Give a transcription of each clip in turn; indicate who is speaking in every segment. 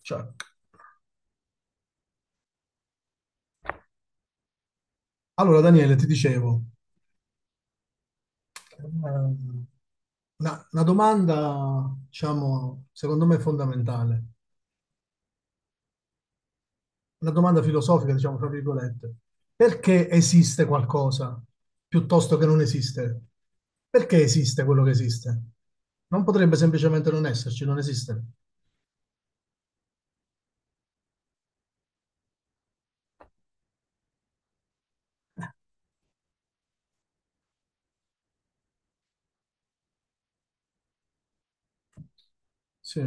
Speaker 1: Cioè, allora, Daniele, ti dicevo, eh, una domanda, diciamo, secondo me fondamentale, una domanda filosofica, diciamo, tra virgolette. Perché esiste qualcosa piuttosto che non esiste? Perché esiste quello che esiste? Non potrebbe semplicemente non esserci, non esiste. Sì.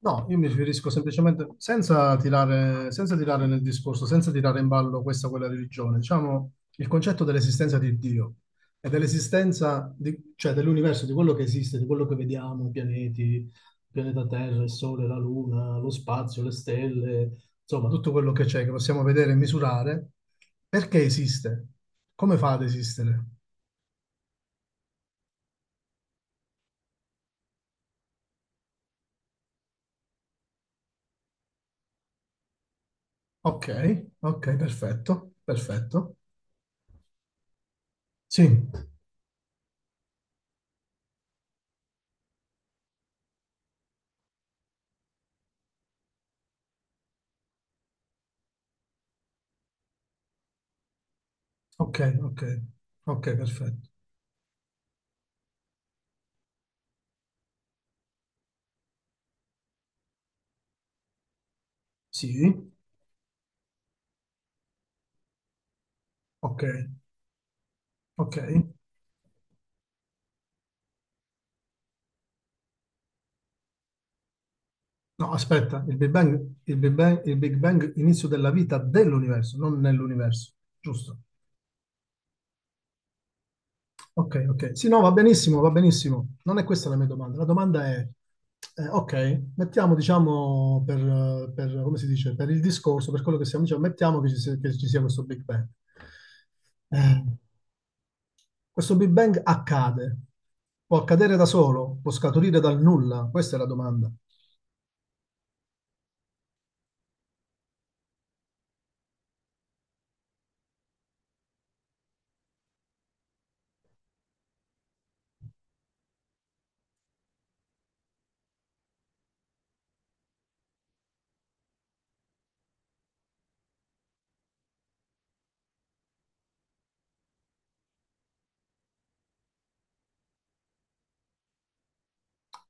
Speaker 1: No, io mi riferisco semplicemente, senza tirare nel discorso, senza tirare in ballo questa o quella religione, diciamo il concetto dell'esistenza di Dio e dell'esistenza, cioè dell'universo, di quello che esiste, di quello che vediamo, i pianeti, il pianeta Terra, il Sole, la Luna, lo spazio, le stelle, insomma tutto quello che c'è, che possiamo vedere e misurare, perché esiste? Come fa ad esistere? Ok, ok, perfetto, perfetto. Sì, ok, ok, ok, perfetto. Sì, ok, ok. No, aspetta, il Big Bang, il Big Bang, il Big Bang, inizio della vita dell'universo, non nell'universo, giusto? Ok, ok. Sì, no, va benissimo, va benissimo. Non è questa la mia domanda. La domanda è, ok, mettiamo, diciamo, come si dice, per il discorso, per quello che stiamo dicendo, mettiamo che ci sia questo Big Bang. Eh, Questo Big Bang accade, può accadere da solo, può scaturire dal nulla, questa è la domanda.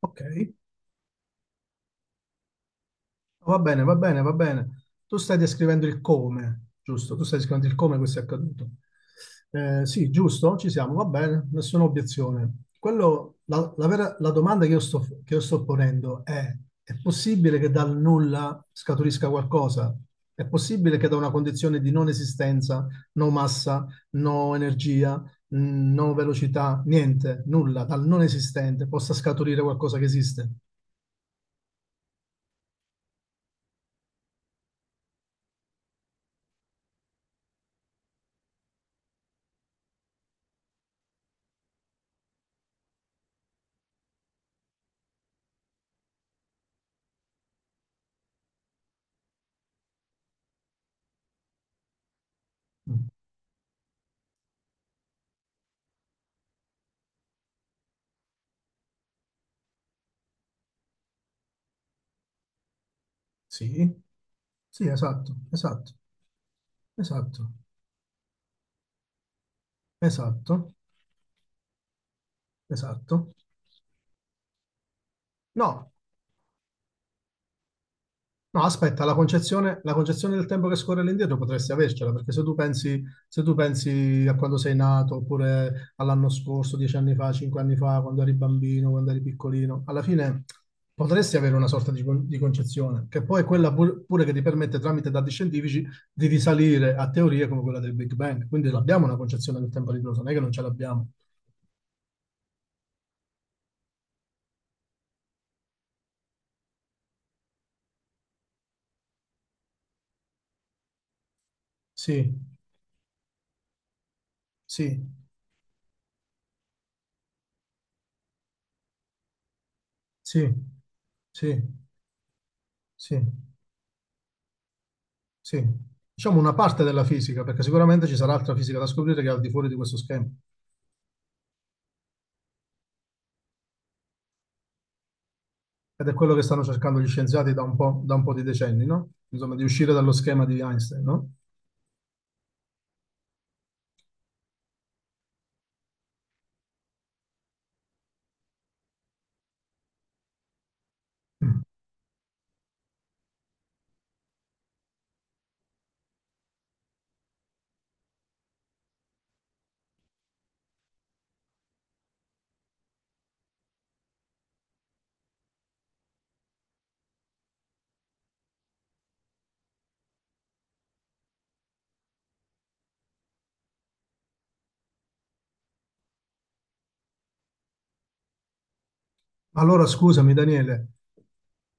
Speaker 1: Ok, va bene, va bene, va bene. Tu stai descrivendo il come, giusto? Tu stai descrivendo il come questo è accaduto. Sì, giusto, ci siamo, va bene, nessuna obiezione. Quello, la domanda che io sto ponendo è possibile che dal nulla scaturisca qualcosa? È possibile che da una condizione di non esistenza, no massa, no energia, no velocità, niente, nulla, dal non esistente possa scaturire qualcosa che esiste? Mm. Sì, sì, esatto, esatto, esatto, esatto, esatto. No, no, aspetta, la concezione del tempo che scorre all'indietro potresti avercela, perché se tu pensi a quando sei nato, oppure all'anno scorso, 10 anni fa, 5 anni fa, quando eri bambino, quando eri piccolino, alla fine potresti avere una sorta di concezione, che poi è quella pure che ti permette, tramite dati scientifici, di risalire a teorie come quella del Big Bang. Quindi l'abbiamo una concezione del tempo ritroso, non è che non ce l'abbiamo. Sì, sì, sì, sì, sì, sì. Diciamo una parte della fisica, perché sicuramente ci sarà altra fisica da scoprire che è al di fuori di questo schema. Ed è quello che stanno cercando gli scienziati da un po' di decenni, no? Insomma, di uscire dallo schema di Einstein, no? Mm. Allora, scusami, Daniele,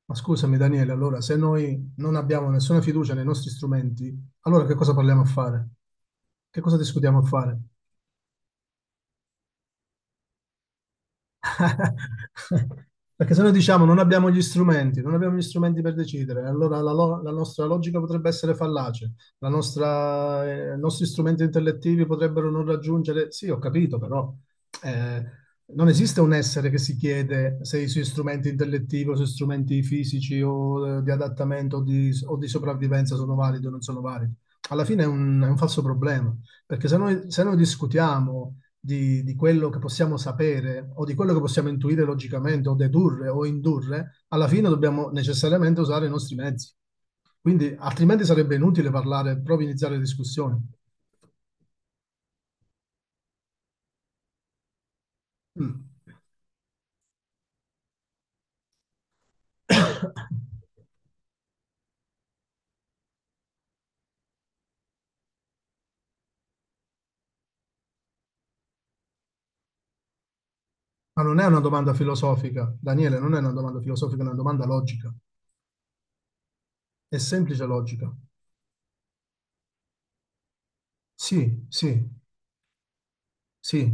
Speaker 1: ma scusami, Daniele, allora, se noi non abbiamo nessuna fiducia nei nostri strumenti, allora che cosa parliamo a fare? Che cosa discutiamo a fare? Perché se noi diciamo non abbiamo gli strumenti per decidere, allora la nostra logica potrebbe essere fallace, i nostri strumenti intellettivi potrebbero non raggiungere. Sì, ho capito, però eh, non esiste un essere che si chiede se i suoi strumenti intellettivi o i suoi strumenti fisici o di adattamento o o di sopravvivenza sono validi o non sono validi. Alla fine è un falso problema, perché se noi discutiamo di quello che possiamo sapere o di quello che possiamo intuire logicamente o dedurre o indurre, alla fine dobbiamo necessariamente usare i nostri mezzi. Quindi altrimenti sarebbe inutile parlare, proprio iniziare discussioni. Mm. Ma non è una domanda filosofica, Daniele, non è una domanda filosofica, è una domanda logica. È semplice logica. Sì, sì, sì,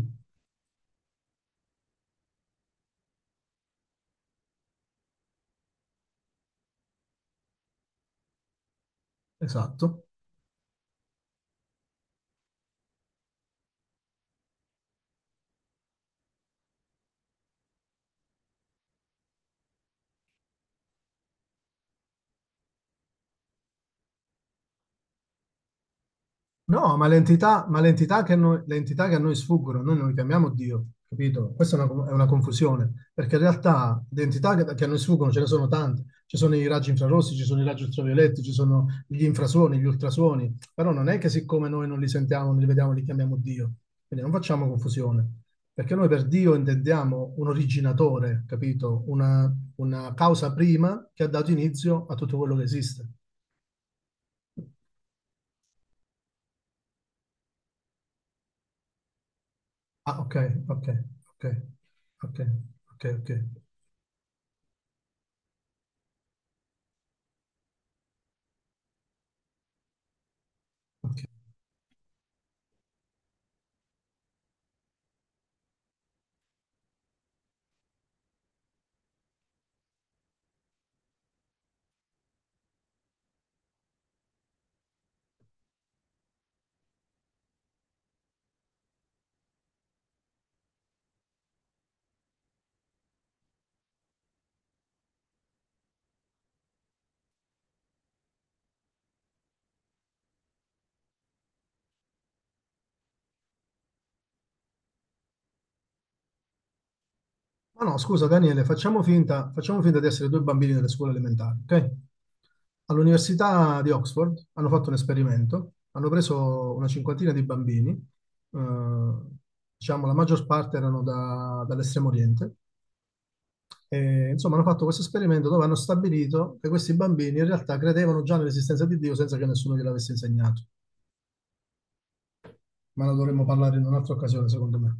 Speaker 1: esatto. No, ma le entità che a noi, le entità che a noi sfuggono, noi non le chiamiamo Dio, capito? Questa è una confusione, perché in realtà le entità che a noi sfuggono ce ne sono tante. Ci sono i raggi infrarossi, ci sono i raggi ultravioletti, ci sono gli infrasuoni, gli ultrasuoni, però non è che siccome noi non li sentiamo, non li vediamo, li chiamiamo Dio. Quindi non facciamo confusione, perché noi per Dio intendiamo un originatore, capito? Una causa prima che ha dato inizio a tutto quello che esiste. Ah, ok, ok, ok, ok, ok, ok, ok. Ma no, scusa Daniele, facciamo finta di essere due bambini delle scuole elementari, ok? All'Università di Oxford hanno fatto un esperimento, hanno preso una cinquantina di bambini, diciamo la maggior parte erano dall'estremo oriente, e insomma hanno fatto questo esperimento dove hanno stabilito che questi bambini in realtà credevano già nell'esistenza di Dio senza che nessuno gliel'avesse insegnato, ma ne dovremmo parlare in un'altra occasione, secondo me.